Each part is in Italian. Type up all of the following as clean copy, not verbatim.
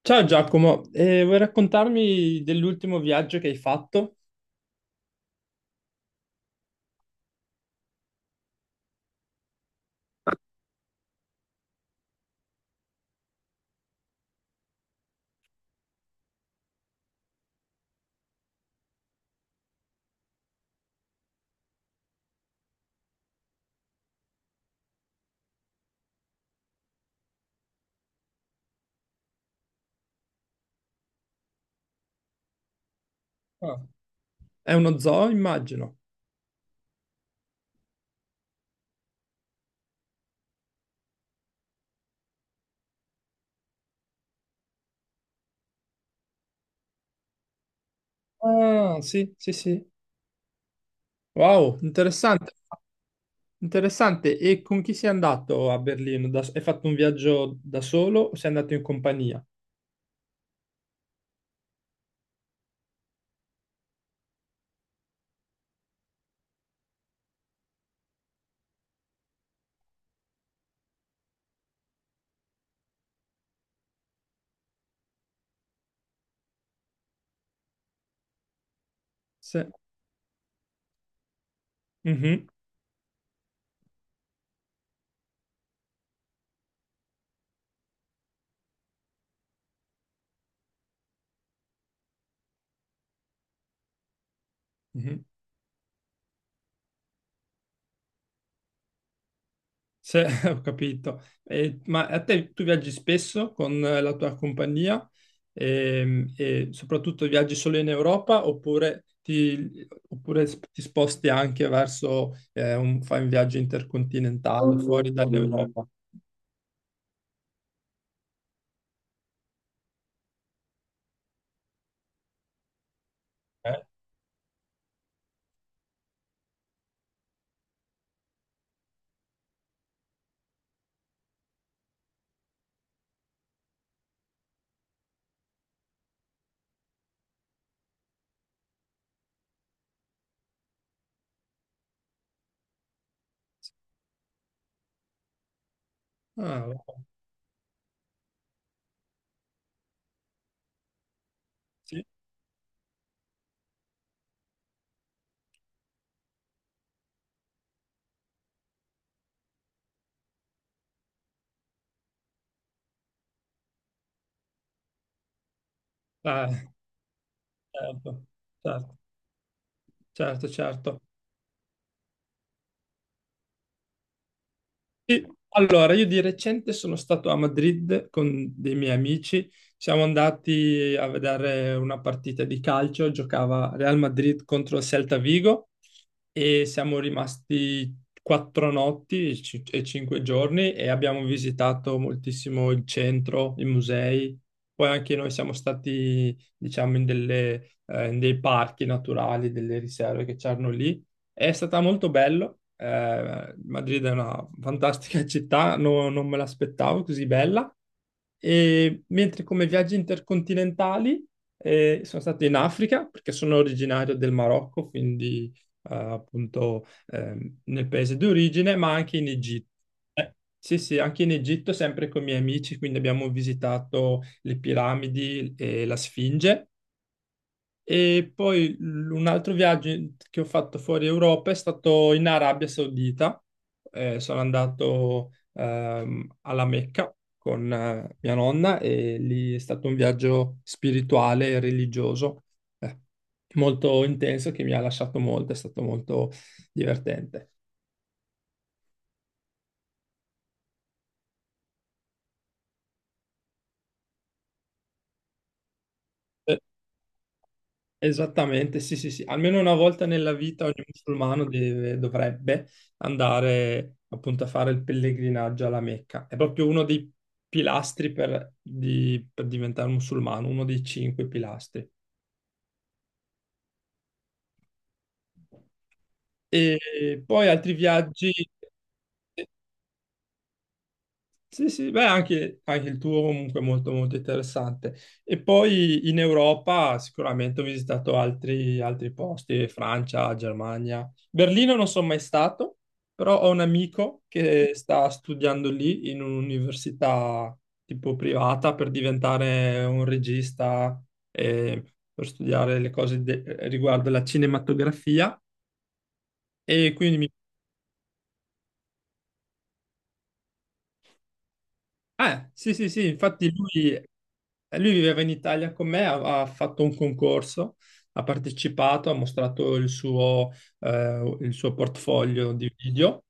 Ciao Giacomo, vuoi raccontarmi dell'ultimo viaggio che hai fatto? Ah, è uno zoo, immagino. Ah, sì, sì, sì. Wow, interessante, interessante. E con chi sei andato a Berlino? Hai fatto un viaggio da solo o sei andato in compagnia? Se... Mhm, mhm. Ho capito. Ma a te tu viaggi spesso con la tua compagnia. E, soprattutto viaggi solo in Europa oppure ti, oppure ti sposti anche verso, un, fai un viaggio intercontinentale fuori dall'Europa? Eh? Ah, sì. Ah, certo, certo, certo, certo. Sì, allora, io di recente sono stato a Madrid con dei miei amici. Siamo andati a vedere una partita di calcio, giocava Real Madrid contro il Celta Vigo e siamo rimasti quattro notti e cinque giorni e abbiamo visitato moltissimo il centro, i musei. Poi anche noi siamo stati, diciamo, in dei parchi naturali, delle riserve che c'erano lì. È stata molto bello. Madrid è una fantastica città, non me l'aspettavo così bella. E mentre come viaggi intercontinentali, sono stato in Africa perché sono originario del Marocco, quindi appunto nel paese d'origine, ma anche in Egitto. Sì, sì, anche in Egitto, sempre con i miei amici, quindi abbiamo visitato le piramidi e la Sfinge. E poi un altro viaggio che ho fatto fuori Europa è stato in Arabia Saudita. Sono andato alla Mecca con mia nonna e lì è stato un viaggio spirituale e religioso, eh, molto intenso che mi ha lasciato molto, è stato molto divertente. Eh, Esattamente, sì, sì, sì. Almeno una volta nella vita ogni musulmano dovrebbe andare appunto a fare il pellegrinaggio alla Mecca. È proprio uno dei pilastri per diventare musulmano, uno dei cinque pilastri. E poi altri viaggi. Sì, sì, beh, anche, anche il tuo comunque è molto, molto interessante. E poi in Europa sicuramente ho visitato altri posti, Francia, Germania. Berlino non sono mai stato, però ho un amico che sta studiando lì in un'università tipo privata per diventare un regista e per studiare riguardo la cinematografia. E quindi mi... sì, sì, sì, infatti lui, lui viveva in Italia con me, ha fatto un concorso, ha partecipato, ha mostrato il suo portfolio di video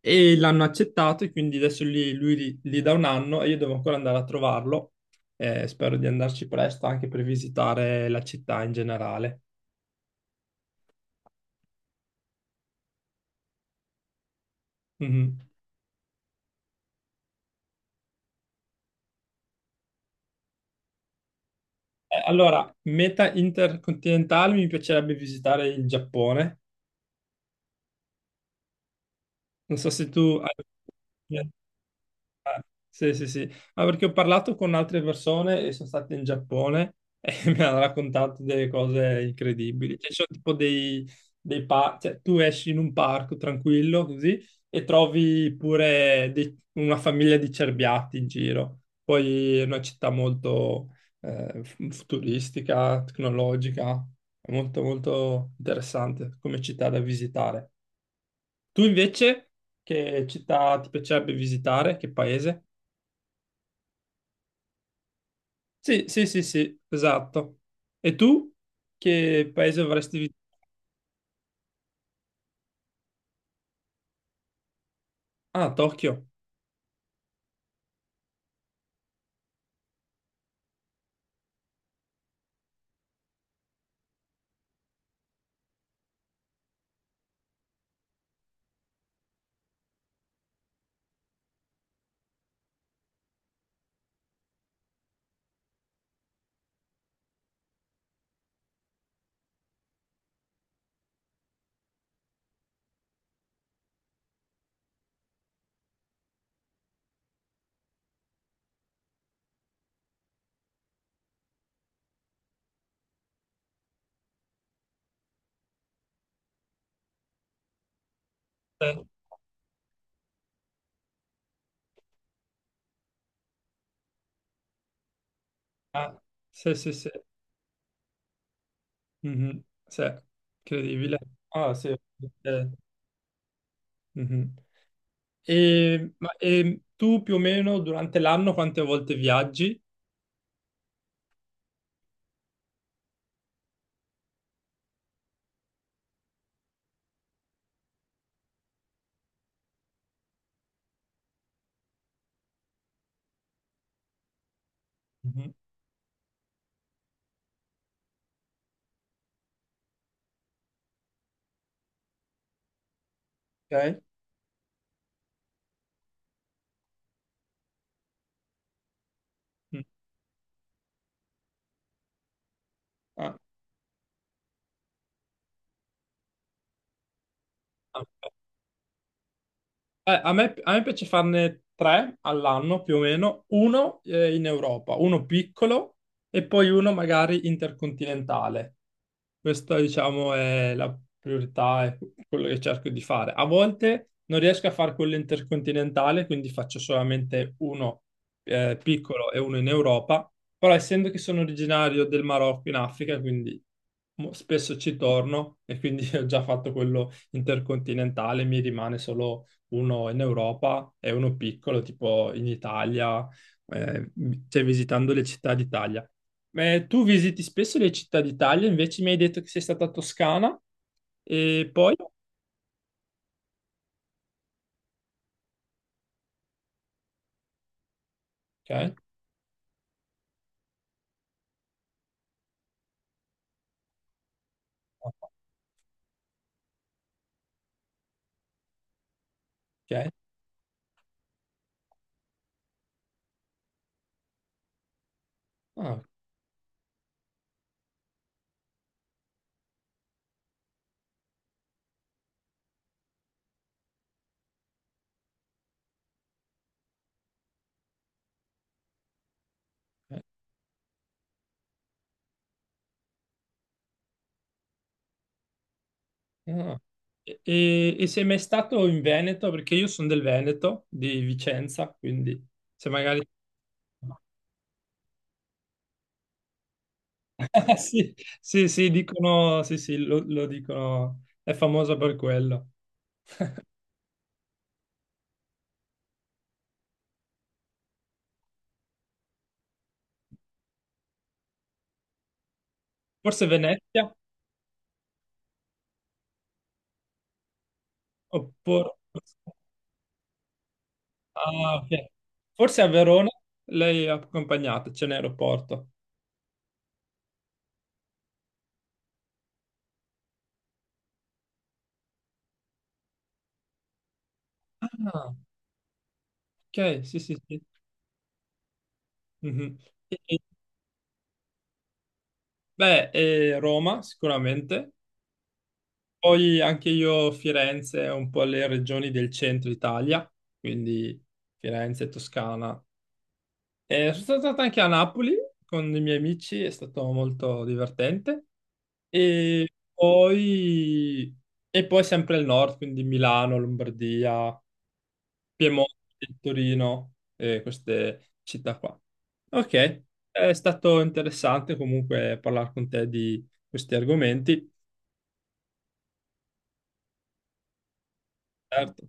e l'hanno accettato e quindi adesso lui li dà un anno e io devo ancora andare a trovarlo. Spero di andarci presto anche per visitare la città in generale. Mhm. Allora, meta intercontinentale mi piacerebbe visitare il Giappone. Non so se tu hai... Sì, sì, sì, ma perché ho parlato con altre persone e sono state in Giappone e mi hanno raccontato delle cose incredibili. Cioè, ci sono tipo dei, cioè, tu esci in un parco tranquillo così e trovi pure una famiglia di cerbiatti in giro. Poi è una città molto futuristica, tecnologica, è molto molto interessante come città da visitare. Tu invece che città ti piacerebbe visitare? Che paese? Sì, sì, sì, sì, esatto. E tu che paese avresti visitato? Ah, Tokyo. Eh, ah, sì, sì, sì. Mhm, sì, incredibile. Ah, sì. Eh, mhm. E, ma, e tu più o meno durante l'anno quante volte viaggi? Mhm, ok. Mm, ah, ah, eh, a me piace farne 3 all'anno più o meno, uno in Europa, uno piccolo e poi uno magari intercontinentale. Questa, diciamo, è la priorità, è quello che cerco di fare. A volte non riesco a fare quello intercontinentale, quindi faccio solamente uno piccolo e uno in Europa, però essendo che sono originario del Marocco in Africa, quindi spesso ci torno e quindi ho già fatto quello intercontinentale, mi rimane solo uno in Europa e uno piccolo, tipo in Italia, eh, cioè visitando le città d'Italia. Ma tu visiti spesso le città d'Italia, invece mi hai detto che sei stata a Toscana e poi... Ok, ok. Ah, ok. Ah. E, e sei mai stato in Veneto? Perché io sono del Veneto, di Vicenza, quindi se magari... Sì, sì, sì, dicono, sì, sì, lo dicono, è famosa per quello. Forse Venezia? Oppure, ah, ok. Forse a Verona lei è accompagnata, c'è un aeroporto. Ah, ok, sì, sì, sì. Mhm. E- e- Beh, e Roma sicuramente. Poi anche io Firenze, un po' le regioni del centro Italia, quindi Firenze, Toscana. E sono stato anche a Napoli con i miei amici, è stato molto divertente. E poi, e poi sempre il nord, quindi Milano, Lombardia, Piemonte, Torino e queste città qua. Ok, è stato interessante comunque parlare con te di questi argomenti. Certo.